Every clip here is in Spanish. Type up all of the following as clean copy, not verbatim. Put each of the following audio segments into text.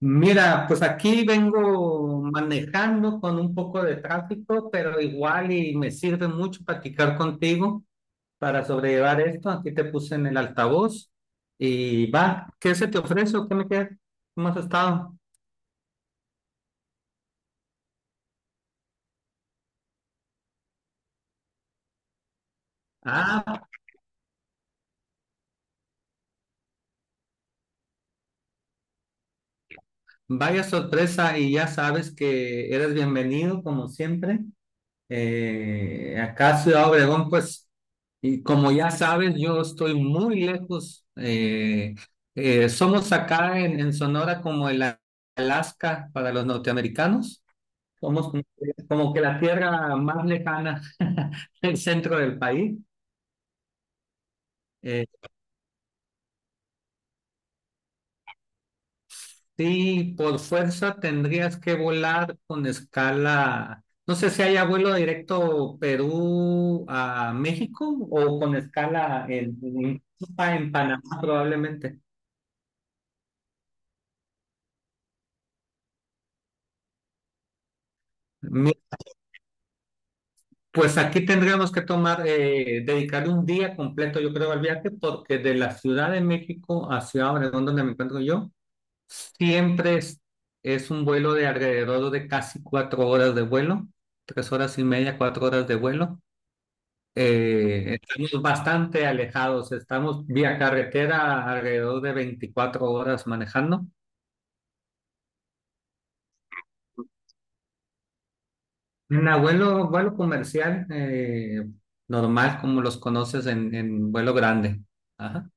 Mira, pues aquí vengo manejando con un poco de tráfico, pero igual y me sirve mucho platicar contigo para sobrellevar esto. Aquí te puse en el altavoz y va, ¿qué se te ofrece o qué me queda? ¿Cómo has estado? Ah, Vaya sorpresa y ya sabes que eres bienvenido como siempre. Acá Ciudad Obregón, pues, y como ya sabes, yo estoy muy lejos. Somos acá en Sonora como el Alaska para los norteamericanos. Somos como, como que la tierra más lejana del centro del país. Sí, por fuerza tendrías que volar con escala. No sé si haya vuelo directo Perú a México o con escala en Panamá probablemente. Mi- Pues aquí tendríamos que tomar, dedicarle un día completo, yo creo, al viaje, porque de la Ciudad de México hacia Obregón, donde me encuentro yo, siempre es un vuelo de alrededor de casi 4 horas de vuelo, 3 horas y media, 4 horas de vuelo. Estamos bastante alejados, estamos vía carretera alrededor de 24 horas manejando. Vuelo comercial, normal como los conoces en vuelo grande. Ajá.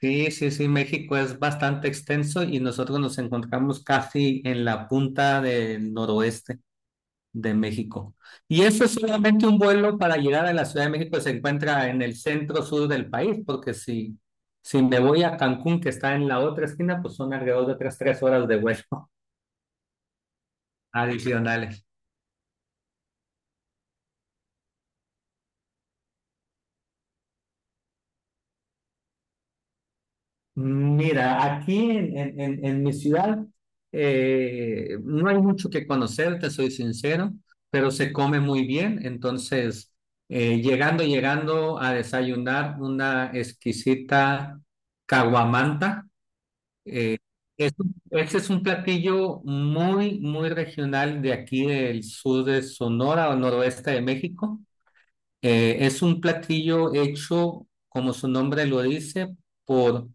Sí, sí, sí, México es bastante extenso y nosotros nos encontramos casi en la punta del noroeste de México. Y eso es solamente un vuelo para llegar a la Ciudad de México, se encuentra en el centro sur del país, porque si me voy a Cancún, que está en la otra esquina, pues son alrededor de otras 3 horas de vuelo adicionales. Mira, aquí en mi ciudad no hay mucho que conocer, te soy sincero, pero se come muy bien. Entonces, llegando a desayunar una exquisita caguamanta. Eh, este es un platillo muy, muy regional de aquí del sur de Sonora o noroeste de México. Es un platillo hecho, como su nombre lo dice, por...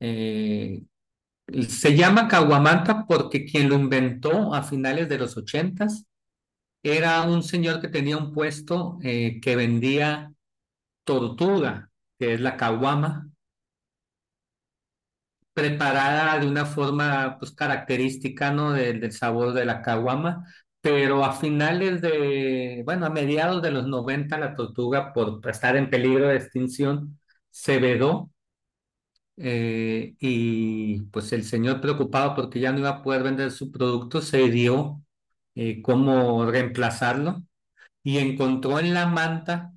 eh, se llama caguamanta porque quien lo inventó a finales de los ochentas era un señor que tenía un puesto que vendía tortuga, que es la caguama preparada de una forma pues característica, ¿no? Del, del sabor de la caguama, pero a finales de, bueno, a mediados de los 90 la tortuga por estar en peligro de extinción se vedó, y pues el señor preocupado porque ya no iba a poder vender su producto se dio, cómo reemplazarlo y encontró en la manta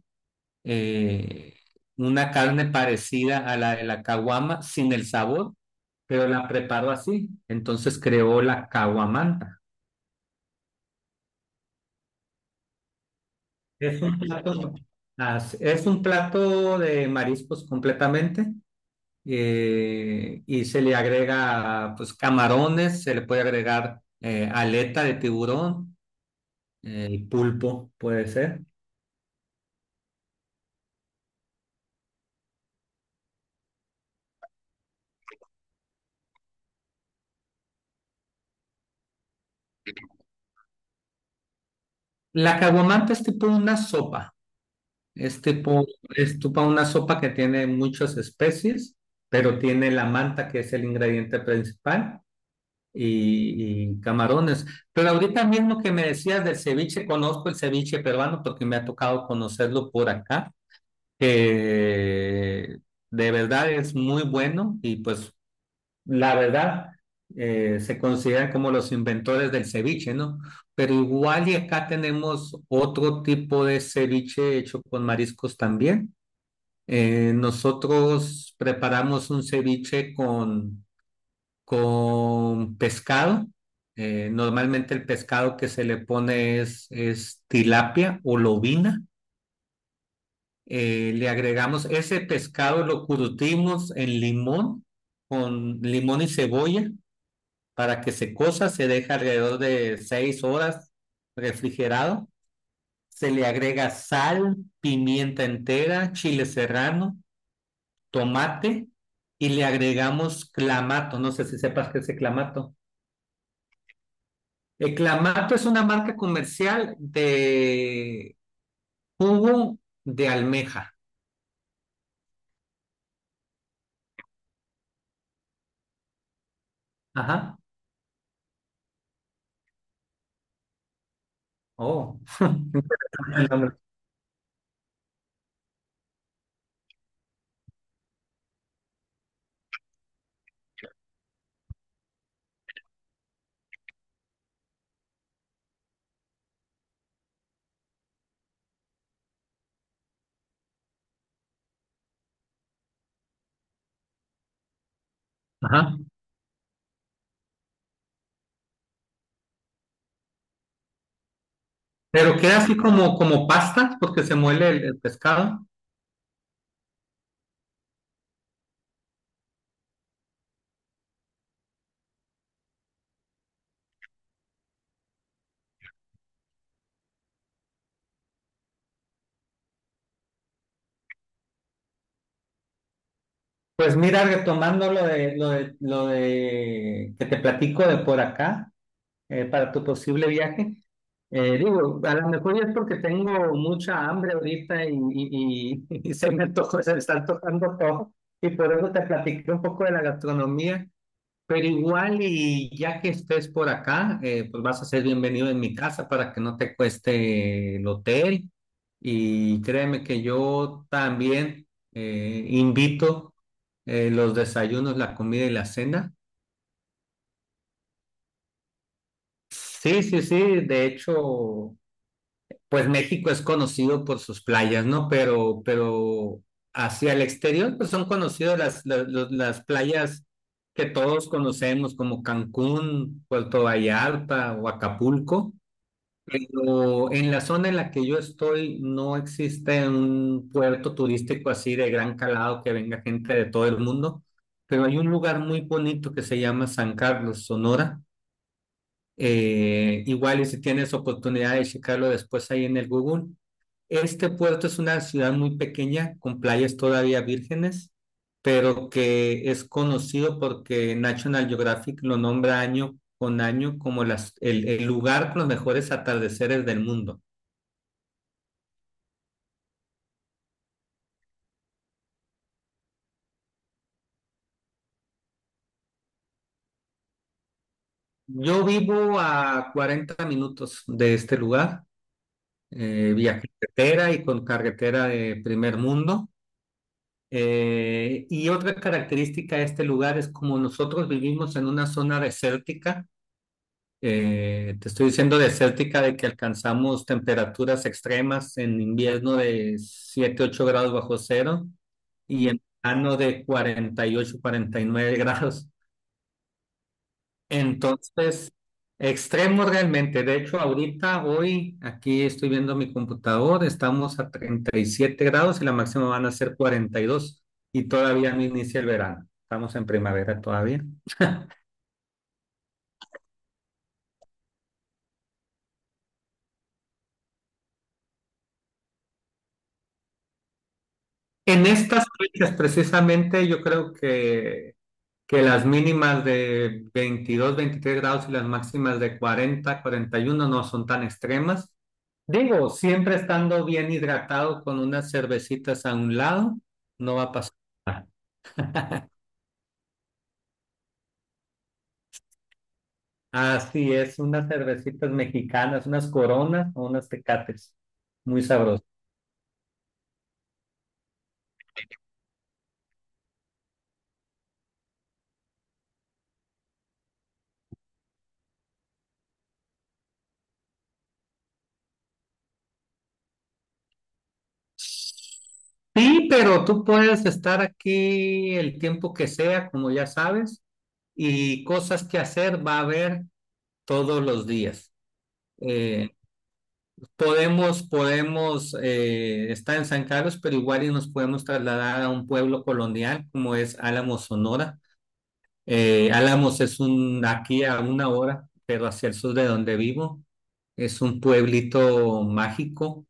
eh, una carne parecida a la de la caguama sin el sabor, pero la preparó así. Entonces creó la caguamanta. Es un plato, es un plato de mariscos completamente, y se le agrega pues camarones, se le puede agregar aleta de tiburón, pulpo puede ser. La caguamanta es tipo una sopa. Es tipo, es tipo una sopa que tiene muchas especies, pero tiene la manta, que es el ingrediente principal, y camarones. Pero ahorita mismo que me decías del ceviche, conozco el ceviche peruano porque me ha tocado conocerlo por acá, que de verdad es muy bueno y pues la verdad, se consideran como los inventores del ceviche, ¿no? Pero igual y acá tenemos otro tipo de ceviche hecho con mariscos también. Nosotros preparamos un ceviche con pescado. Normalmente el pescado que se le pone es tilapia o lobina. Le agregamos ese pescado, lo curtimos en limón, con limón y cebolla, para que se cosa. Se deja alrededor de 6 horas refrigerado. Se le agrega sal, pimienta entera, chile serrano, tomate, y le agregamos clamato. No sé si sepas qué es el clamato. El clamato es una marca comercial de jugo de almeja. Ajá. Oh. Ajá. Pero queda así como, como pastas porque se muele el pescado. Pues mira, retomando lo de que te platico de por acá, para tu posible viaje. Digo, a lo mejor es porque tengo mucha hambre ahorita y se me se me está antojando todo. Y por eso te platiqué un poco de la gastronomía. Pero igual, y ya que estés por acá, pues vas a ser bienvenido en mi casa para que no te cueste el hotel. Y créeme que yo también invito los desayunos, la comida y la cena. Sí, sí, sí. De hecho, pues México es conocido por sus playas, ¿no? Pero hacia el exterior, pues son conocidas las playas que todos conocemos, como Cancún, Puerto Vallarta o Acapulco. Pero en la zona en la que yo estoy no existe un puerto turístico así de gran calado que venga gente de todo el mundo, pero hay un lugar muy bonito que se llama San Carlos, Sonora. Igual y si tienes oportunidad de checarlo después ahí en el Google. Este puerto es una ciudad muy pequeña con playas todavía vírgenes, pero que es conocido porque National Geographic lo nombra año con año como el lugar con los mejores atardeceres del mundo. Yo vivo a 40 minutos de este lugar, vía carretera y con carretera de primer mundo. Y otra característica de este lugar es como nosotros vivimos en una zona desértica, te estoy diciendo desértica de que alcanzamos temperaturas extremas en invierno de 7 8 grados bajo cero y en verano de 40 48 49 grados. Entonces, extremo realmente. De hecho, ahorita, hoy, aquí estoy viendo mi computador, estamos a 37 grados y la máxima van a ser 42 y todavía no inicia el verano. Estamos en primavera todavía. En estas fechas, precisamente, que las mínimas de 22 23 grados y las máximas de 40 41 no son tan extremas. Digo, siempre estando bien hidratado con unas cervecitas a un lado, no va a pasar. Así es, unas cervecitas mexicanas, unas coronas o unas tecates. Muy sabroso. Sí, pero tú puedes estar aquí el tiempo que sea, como ya sabes, y cosas que hacer va a haber todos los días. Eh, podemos estar en San Carlos, pero igual y nos podemos trasladar a un pueblo colonial como es Álamo, Sonora. Álamos es un, aquí a una hora, pero hacia el sur de donde vivo, es un pueblito mágico,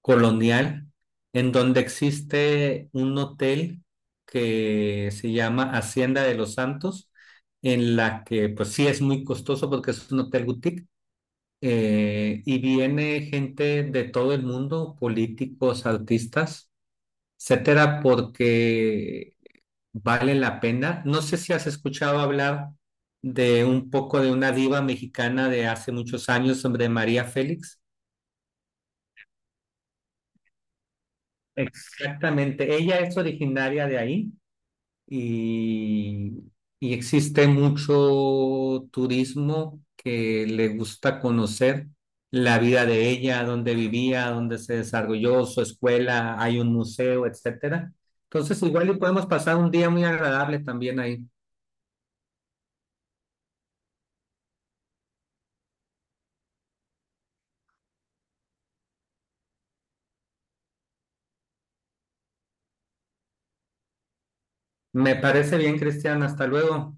colonial, en donde existe un hotel que se llama Hacienda de los Santos, en la que pues sí es muy costoso porque es un hotel boutique, y viene gente de todo el mundo, políticos, artistas, etcétera, porque vale la pena. No sé si has escuchado hablar de un poco de una diva mexicana de hace muchos años, sobre María Félix. Exactamente, ella es originaria de ahí y, y existe mucho turismo que le gusta conocer la vida de ella, dónde vivía, dónde se desarrolló, su escuela, hay un museo, etcétera. Entonces, igual y podemos pasar un día muy agradable también ahí. Me parece bien, Cristian, hasta luego.